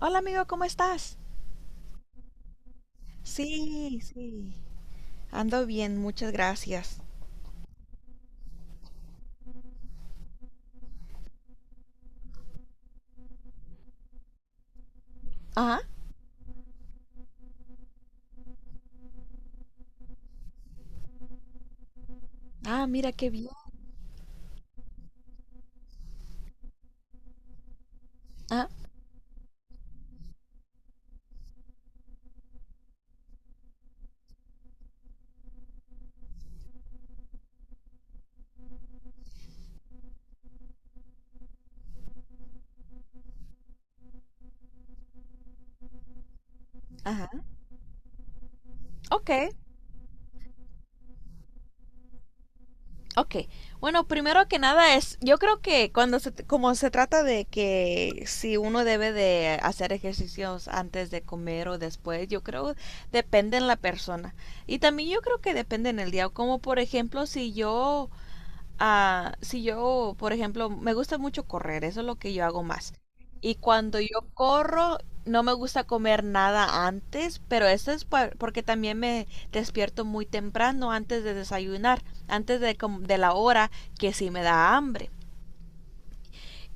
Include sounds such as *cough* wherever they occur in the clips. Hola amigo, ¿cómo estás? Sí, sí. Ando bien, muchas gracias. Ajá. Ah, mira qué bien. Ah, ajá. Ok, ok. Bueno, primero que nada yo creo que como se trata de que si uno debe de hacer ejercicios antes de comer o después, yo creo depende en la persona. Y también yo creo que depende en el día, como por ejemplo si yo, por ejemplo, me gusta mucho correr, eso es lo que yo hago más. Y cuando yo corro, no me gusta comer nada antes, pero porque también me despierto muy temprano antes de desayunar, de la hora que sí me da hambre.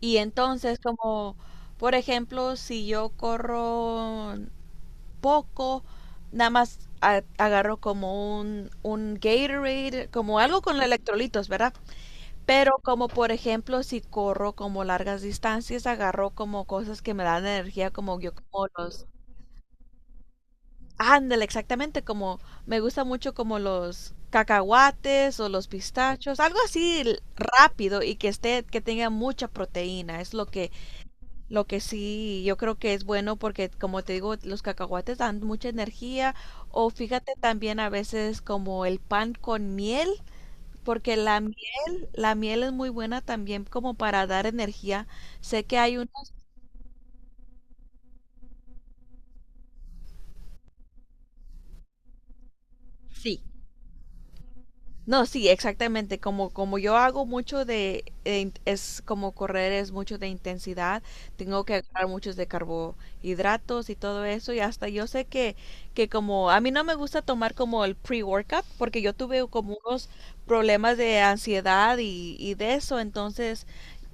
Y entonces, como, por ejemplo, si yo corro poco, nada más agarro como un Gatorade, como algo con electrolitos, ¿verdad? Pero como por ejemplo si corro como largas distancias, agarro como cosas que me dan energía, como yo como los... Ándale, exactamente, como me gusta mucho como los cacahuates o los pistachos, algo así rápido y que tenga mucha proteína, es lo que sí, yo creo que es bueno porque como te digo, los cacahuates dan mucha energía o fíjate también a veces como el pan con miel porque la miel es muy buena también como para dar energía. Sé que hay sí, no, sí, exactamente. Como, como yo hago mucho es como correr, es mucho de intensidad, tengo que agarrar muchos de carbohidratos y todo eso. Y hasta yo sé que como a mí no me gusta tomar como el pre-workout, porque yo tuve como unos problemas de ansiedad y de eso. Entonces,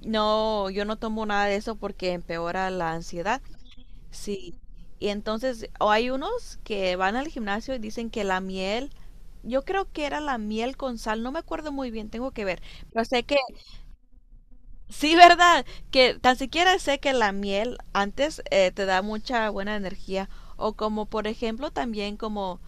no, yo no tomo nada de eso porque empeora la ansiedad. Sí, y entonces, o hay unos que van al gimnasio y dicen que yo creo que era la miel con sal, no me acuerdo muy bien, tengo que ver, pero sé que, *laughs* sí, ¿verdad? Que tan siquiera sé que la miel antes te da mucha buena energía, o como por ejemplo también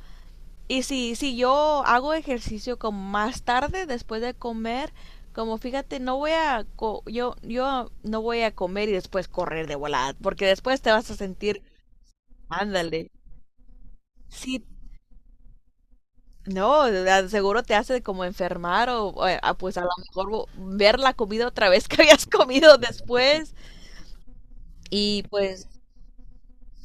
y si yo hago ejercicio como más tarde después de comer, como fíjate, no voy a, co- yo no voy a comer y después correr de volada, porque después te vas a sentir, ándale. Sí, no, a- seguro te hace como enfermar pues a lo mejor ver la comida otra vez que *laughs* habías comido después y pues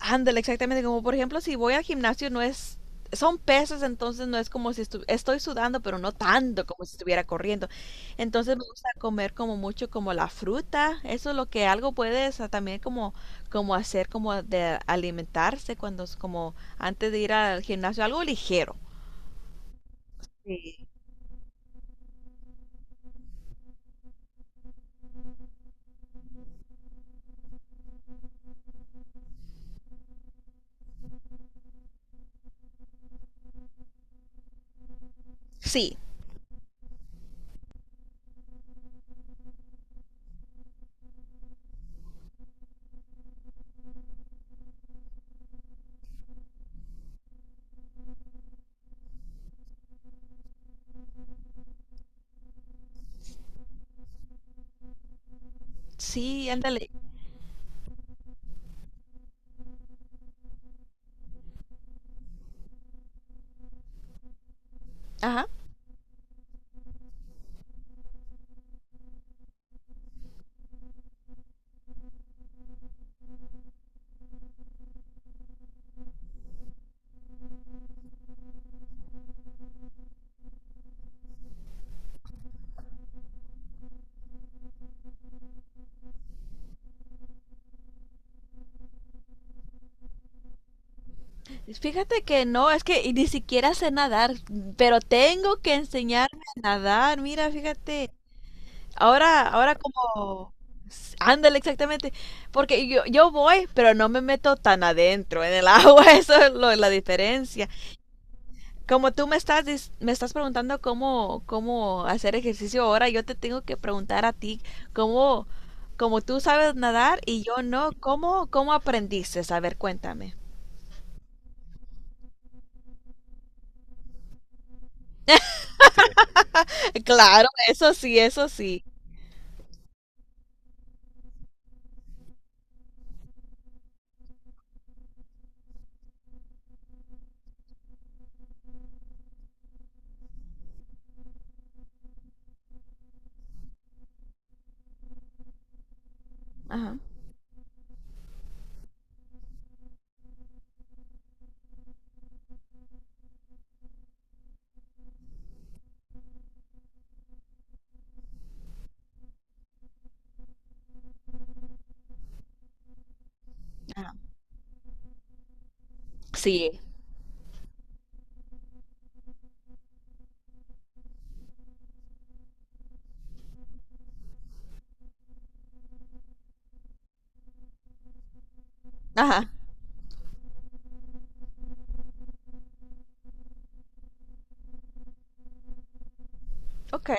ándale, exactamente como por ejemplo si voy al gimnasio no es, son pesos, entonces no es como si estu- estoy sudando, pero no tanto como si estuviera corriendo. Entonces me gusta comer como mucho como la fruta, eso es lo que algo puedes también como como hacer como de alimentarse cuando es como antes de ir al gimnasio, algo ligero. Sí. Sí, sí, ándale. Ajá. Fíjate que no, es que y ni siquiera sé nadar, pero tengo que enseñarme a nadar. Mira, fíjate. Ahora, ahora como... Ándale, exactamente. Porque yo voy, pero no me meto tan adentro en el *laughs* agua. Eso es la diferencia. Como tú me me estás preguntando cómo hacer ejercicio ahora, yo te tengo que preguntar a ti cómo, como tú sabes nadar y yo no, ¿ cómo aprendiste? A ver, cuéntame. Claro, eso sí, eso sí. Ajá, ajá, sí, ajá, ok.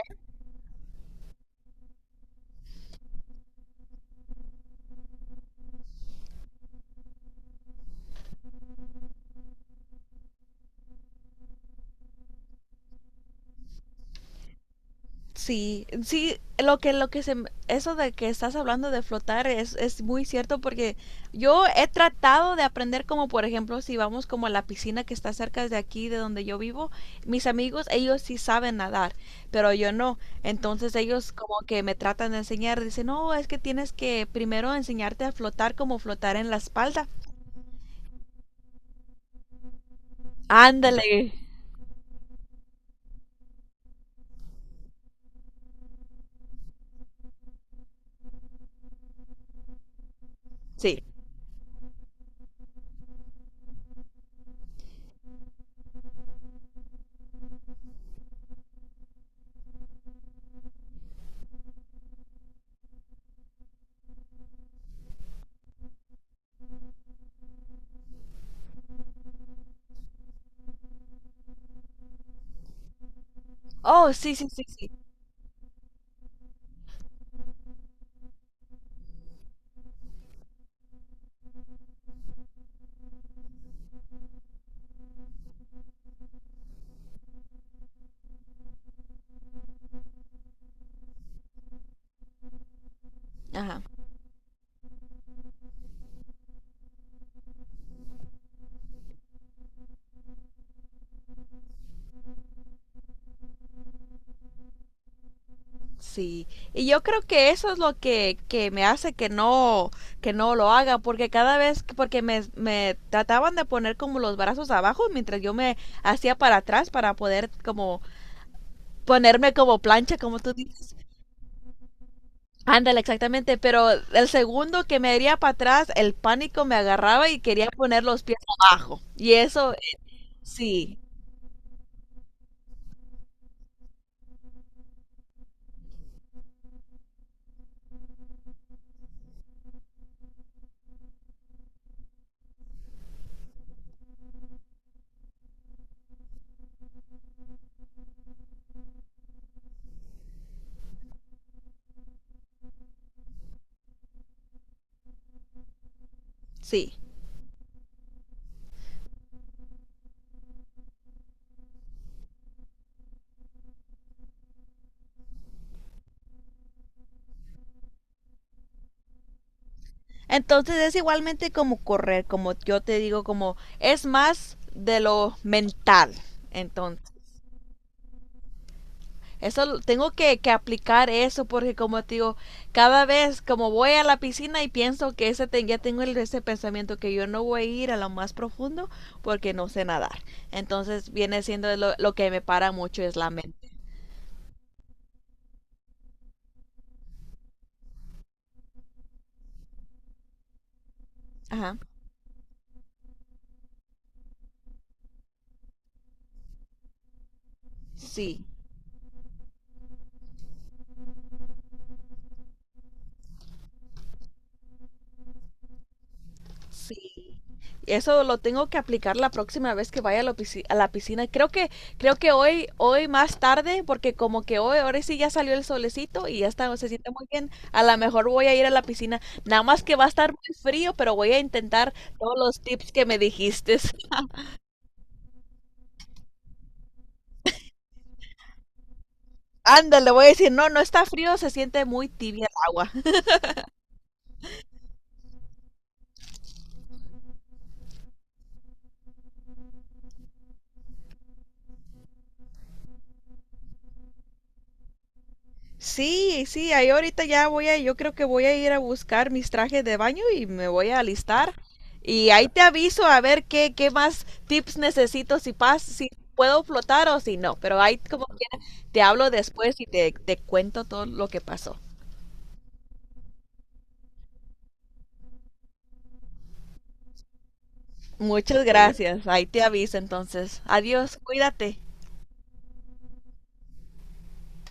Sí, sí, lo que se, eso de que estás hablando de flotar es muy cierto porque yo he tratado de aprender como, por ejemplo, si vamos como a la piscina que está cerca de aquí, de donde yo vivo, mis amigos, ellos sí saben nadar, pero yo no. Entonces ellos como que me tratan de enseñar, dicen, no, es que tienes que primero enseñarte a flotar como flotar en la espalda. Ándale. Sí. Oh, sí, sí, sí, sí. Ajá. Sí, y yo creo que eso es que me hace que no lo haga, porque porque me trataban de poner como los brazos abajo mientras yo me hacía para atrás para poder como ponerme como plancha, como tú dices. Ándale, exactamente, pero el segundo que me iría para atrás, el pánico me agarraba y quería poner los pies abajo. Y eso, sí, sí. Entonces es igualmente como correr, como yo te digo, como es más de lo mental. Entonces, tengo que aplicar eso porque como te digo, cada vez como voy a la piscina y pienso que ya tengo ese pensamiento que yo no voy a ir a lo más profundo porque no sé nadar. Entonces viene siendo lo que me para mucho es la mente. Ajá. Sí. Sí. Eso lo tengo que aplicar la próxima vez que vaya a a la piscina. Creo que hoy más tarde, porque como que hoy, ahora sí ya salió el solecito y ya está, se siente muy bien. A lo mejor voy a ir a la piscina. Nada más que va a estar muy frío, pero voy a intentar todos los tips que me dijiste. *laughs* Ándale, voy a decir, no, no está frío, se siente muy tibia el agua. Sí, sí, ahí ahorita ya voy a, yo creo que voy a ir a buscar mis trajes de baño y me voy a alistar. Y ahí te aviso a ver qué más tips necesito, si puedo flotar o si no. Pero ahí como quiera, te hablo después y te cuento todo lo que pasó. Muchas gracias, ahí te aviso entonces. Adiós, cuídate.